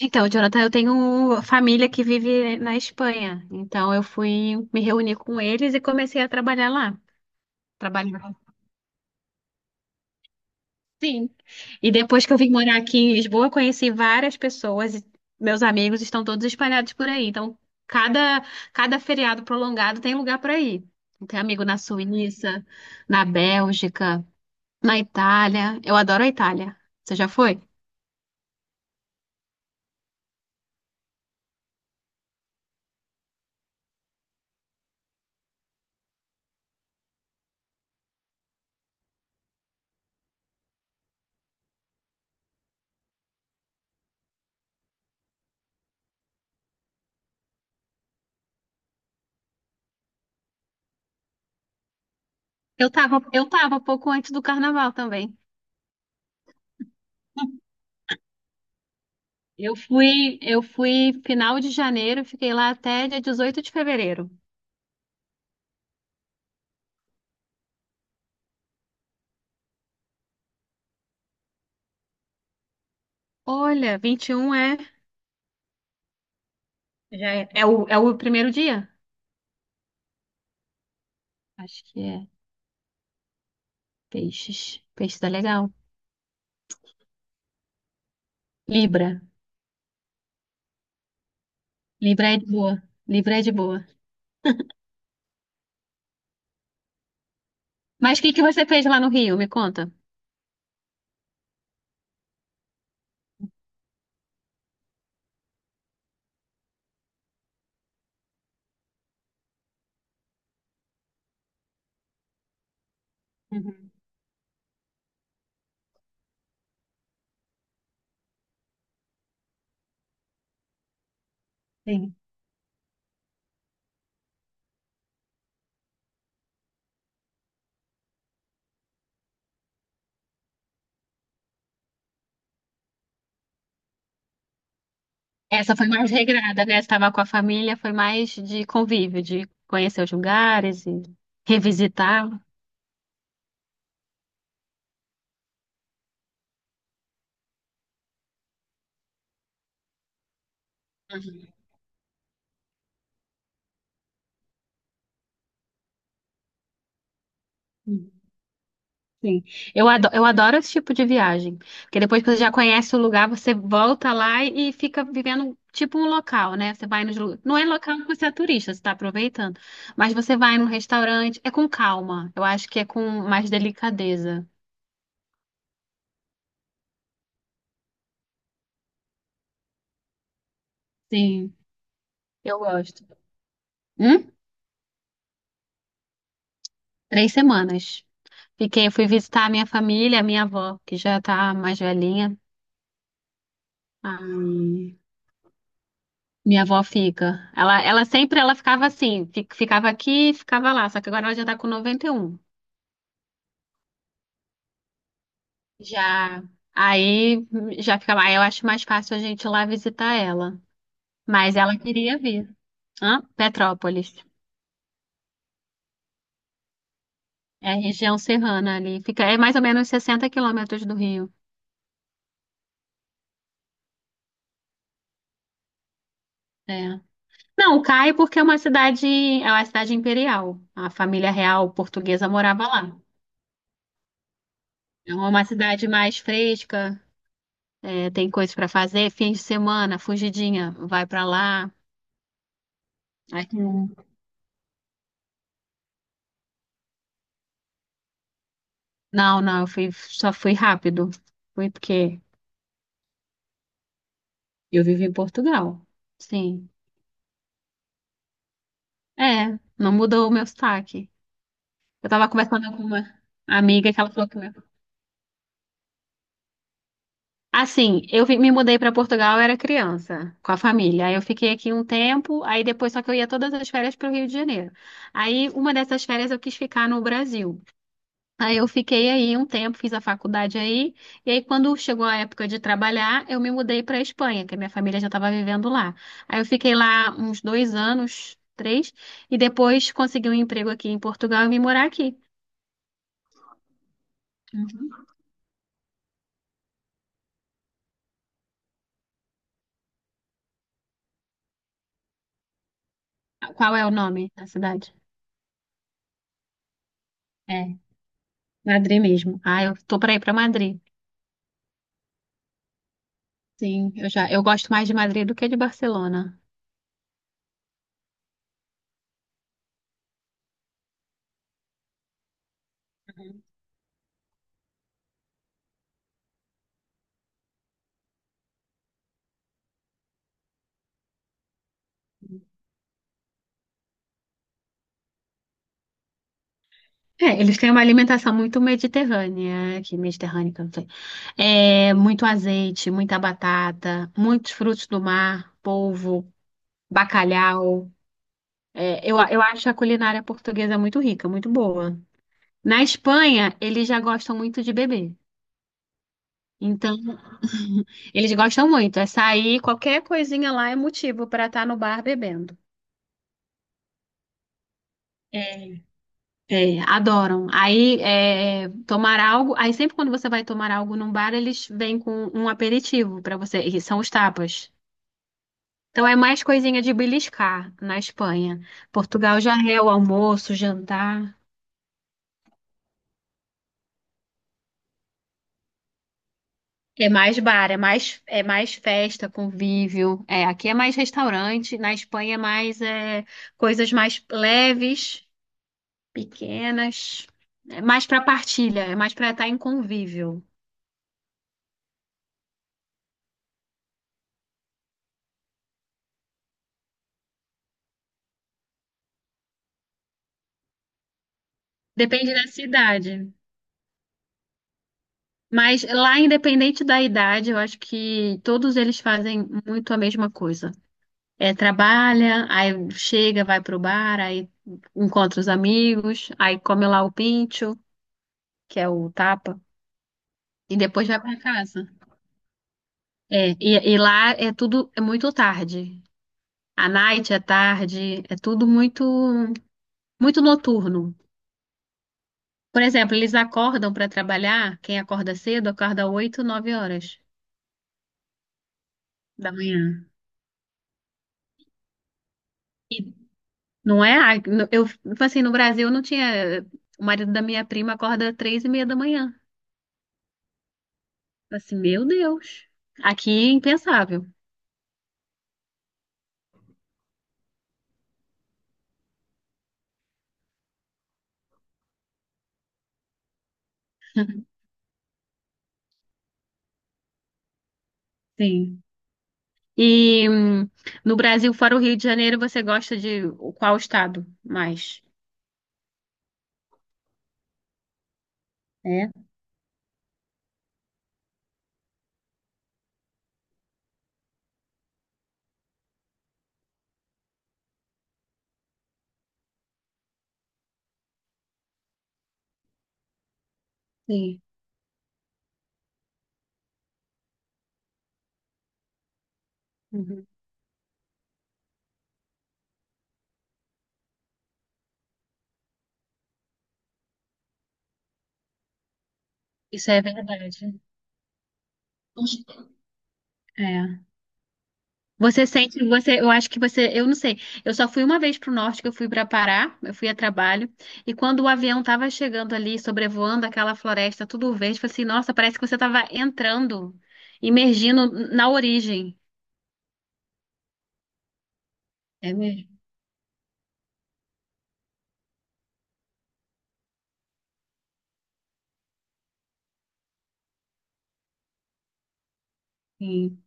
Então, Jonathan, eu tenho família que vive na Espanha. Então, eu fui me reunir com eles e comecei a trabalhar lá. Trabalhar. Sim. E depois que eu vim morar aqui em Lisboa, eu conheci várias pessoas meus amigos estão todos espalhados por aí. Então, cada, cada feriado prolongado tem lugar para ir. Tem amigo na Suíça, na Bélgica, na Itália. Eu adoro a Itália. Você já foi? Eu tava pouco antes do carnaval também. Eu fui final de janeiro, fiquei lá até dia 18 de fevereiro. Olha, 21 é, já é, é o, é o primeiro dia? Acho que é. Peixes. Peixe tá legal. Libra. Libra é de boa. Libra é de boa. Mas o que que você fez lá no Rio? Me conta. Uhum. Sim. Essa foi mais regrada, né? Você estava com a família, foi mais de convívio, de conhecer os lugares e revisitar. Uhum. Sim. Eu adoro esse tipo de viagem. Porque depois que você já conhece o lugar, você volta lá e fica vivendo tipo um local, né? Você vai não é local que você é turista, você está aproveitando. Mas você vai num restaurante, é com calma. Eu acho que é com mais delicadeza. Sim, eu gosto. Hum? Três semanas. Fiquei, eu fui visitar a minha família, a minha avó, que já tá mais velhinha. Aí, minha avó fica. Ela sempre ela ficava assim, ficava aqui, e ficava lá, só que agora ela já tá com 91. Já. Aí já fica mais. Eu acho mais fácil a gente ir lá visitar ela. Mas ela queria vir. Hã? Petrópolis. É a região serrana ali. Fica, é mais ou menos 60 quilômetros do Rio. É. Não, cai porque é uma cidade imperial. A família real portuguesa morava lá. Então, é uma cidade mais fresca, é, tem coisas para fazer, fim de semana, fugidinha, vai para lá. Aí- Não, não, eu fui, só fui rápido. Fui porque. Eu vivo em Portugal. Sim. É, não mudou o meu sotaque. Eu tava conversando com uma amiga que ela falou que o meu. Assim, me mudei para Portugal, eu era criança, com a família. Aí eu fiquei aqui um tempo, aí depois só que eu ia todas as férias para o Rio de Janeiro. Aí uma dessas férias eu quis ficar no Brasil. Aí eu fiquei aí um tempo, fiz a faculdade aí, e aí quando chegou a época de trabalhar, eu me mudei para a Espanha, que a minha família já estava vivendo lá. Aí eu fiquei lá uns 2 anos, três, e depois consegui um emprego aqui em Portugal e vim morar aqui. Uhum. Qual é o nome da cidade? É, Madrid mesmo. Ah, eu tô para ir para Madrid. Sim, eu já, eu gosto mais de Madrid do que de Barcelona. Uhum. É, eles têm uma alimentação muito mediterrânea, que eu não sei. É, muito azeite, muita batata, muitos frutos do mar, polvo, bacalhau. É, eu acho a culinária portuguesa muito rica, muito boa. Na Espanha, eles já gostam muito de beber. Então, eles gostam muito. É sair, qualquer coisinha lá é motivo para estar no bar bebendo. É, é, adoram. Aí, tomar algo. Aí, sempre quando você vai tomar algo num bar, eles vêm com um aperitivo pra você, e são os tapas. Então, é mais coisinha de beliscar na Espanha. Portugal já é o almoço, jantar. É mais bar, é mais festa, convívio. É, aqui é mais restaurante. Na Espanha é mais coisas mais leves, pequenas. É mais pra partilha, é mais pra estar em convívio. Depende da cidade. Mas lá, independente da idade, eu acho que todos eles fazem muito a mesma coisa. É, trabalha, aí chega, vai pro bar, aí encontra os amigos, aí come lá o pincho, que é o tapa, e depois vai pra casa. É, e lá é tudo muito tarde. A night é tarde, é tudo muito muito noturno. Por exemplo, eles acordam para trabalhar, quem acorda cedo acorda 8 9 horas da manhã. E não é? Ah, eu, tipo assim, no Brasil não tinha. O marido da minha prima acorda às 3h30 da manhã. Assim, meu Deus. Aqui é impensável. Sim. E no Brasil, fora o Rio de Janeiro, você gosta de qual estado mais? É? Sim. Uhum. Isso é verdade. Os- É. Você sente, você, eu acho que você, eu não sei. Eu só fui uma vez para o norte, que eu fui para Pará, eu fui a trabalho, e quando o avião estava chegando ali, sobrevoando aquela floresta, tudo verde, eu falei assim, nossa, parece que você estava entrando, imergindo na origem. É mesmo? Sim.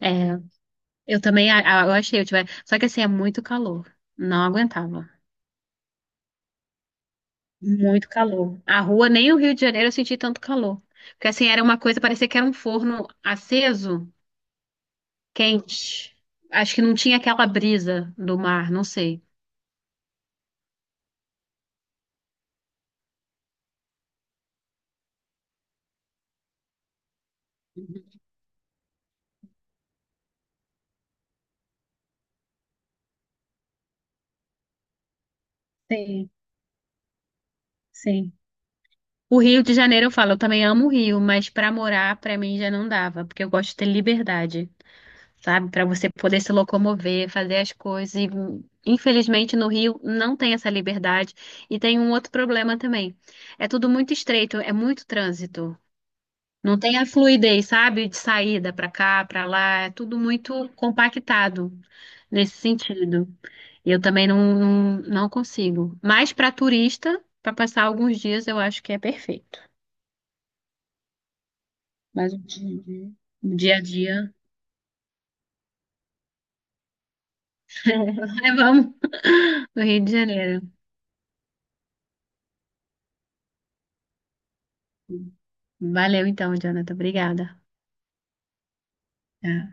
É, eu também, eu achei, eu tive, só que assim, é muito calor. Não aguentava. Muito calor. A rua, nem o Rio de Janeiro eu senti tanto calor. Porque assim, era uma coisa, parecia que era um forno aceso. Quente. Acho que não tinha aquela brisa do mar, não sei. Sim, sim. O Rio de Janeiro, eu falo, eu também amo o Rio, mas pra morar, pra mim já não dava, porque eu gosto de ter liberdade, sabe? Pra você poder se locomover, fazer as coisas. E, infelizmente, no Rio não tem essa liberdade. E tem um outro problema também. É tudo muito estreito, é muito trânsito. Não tem a fluidez, sabe? De saída pra cá, pra lá, é tudo muito compactado nesse sentido. Eu também não, não, não consigo. Mas para turista, para passar alguns dias, eu acho que é perfeito. Mas o dia a dia, levamos no Rio de Janeiro. Valeu então, Jonathan. Obrigada. Tá.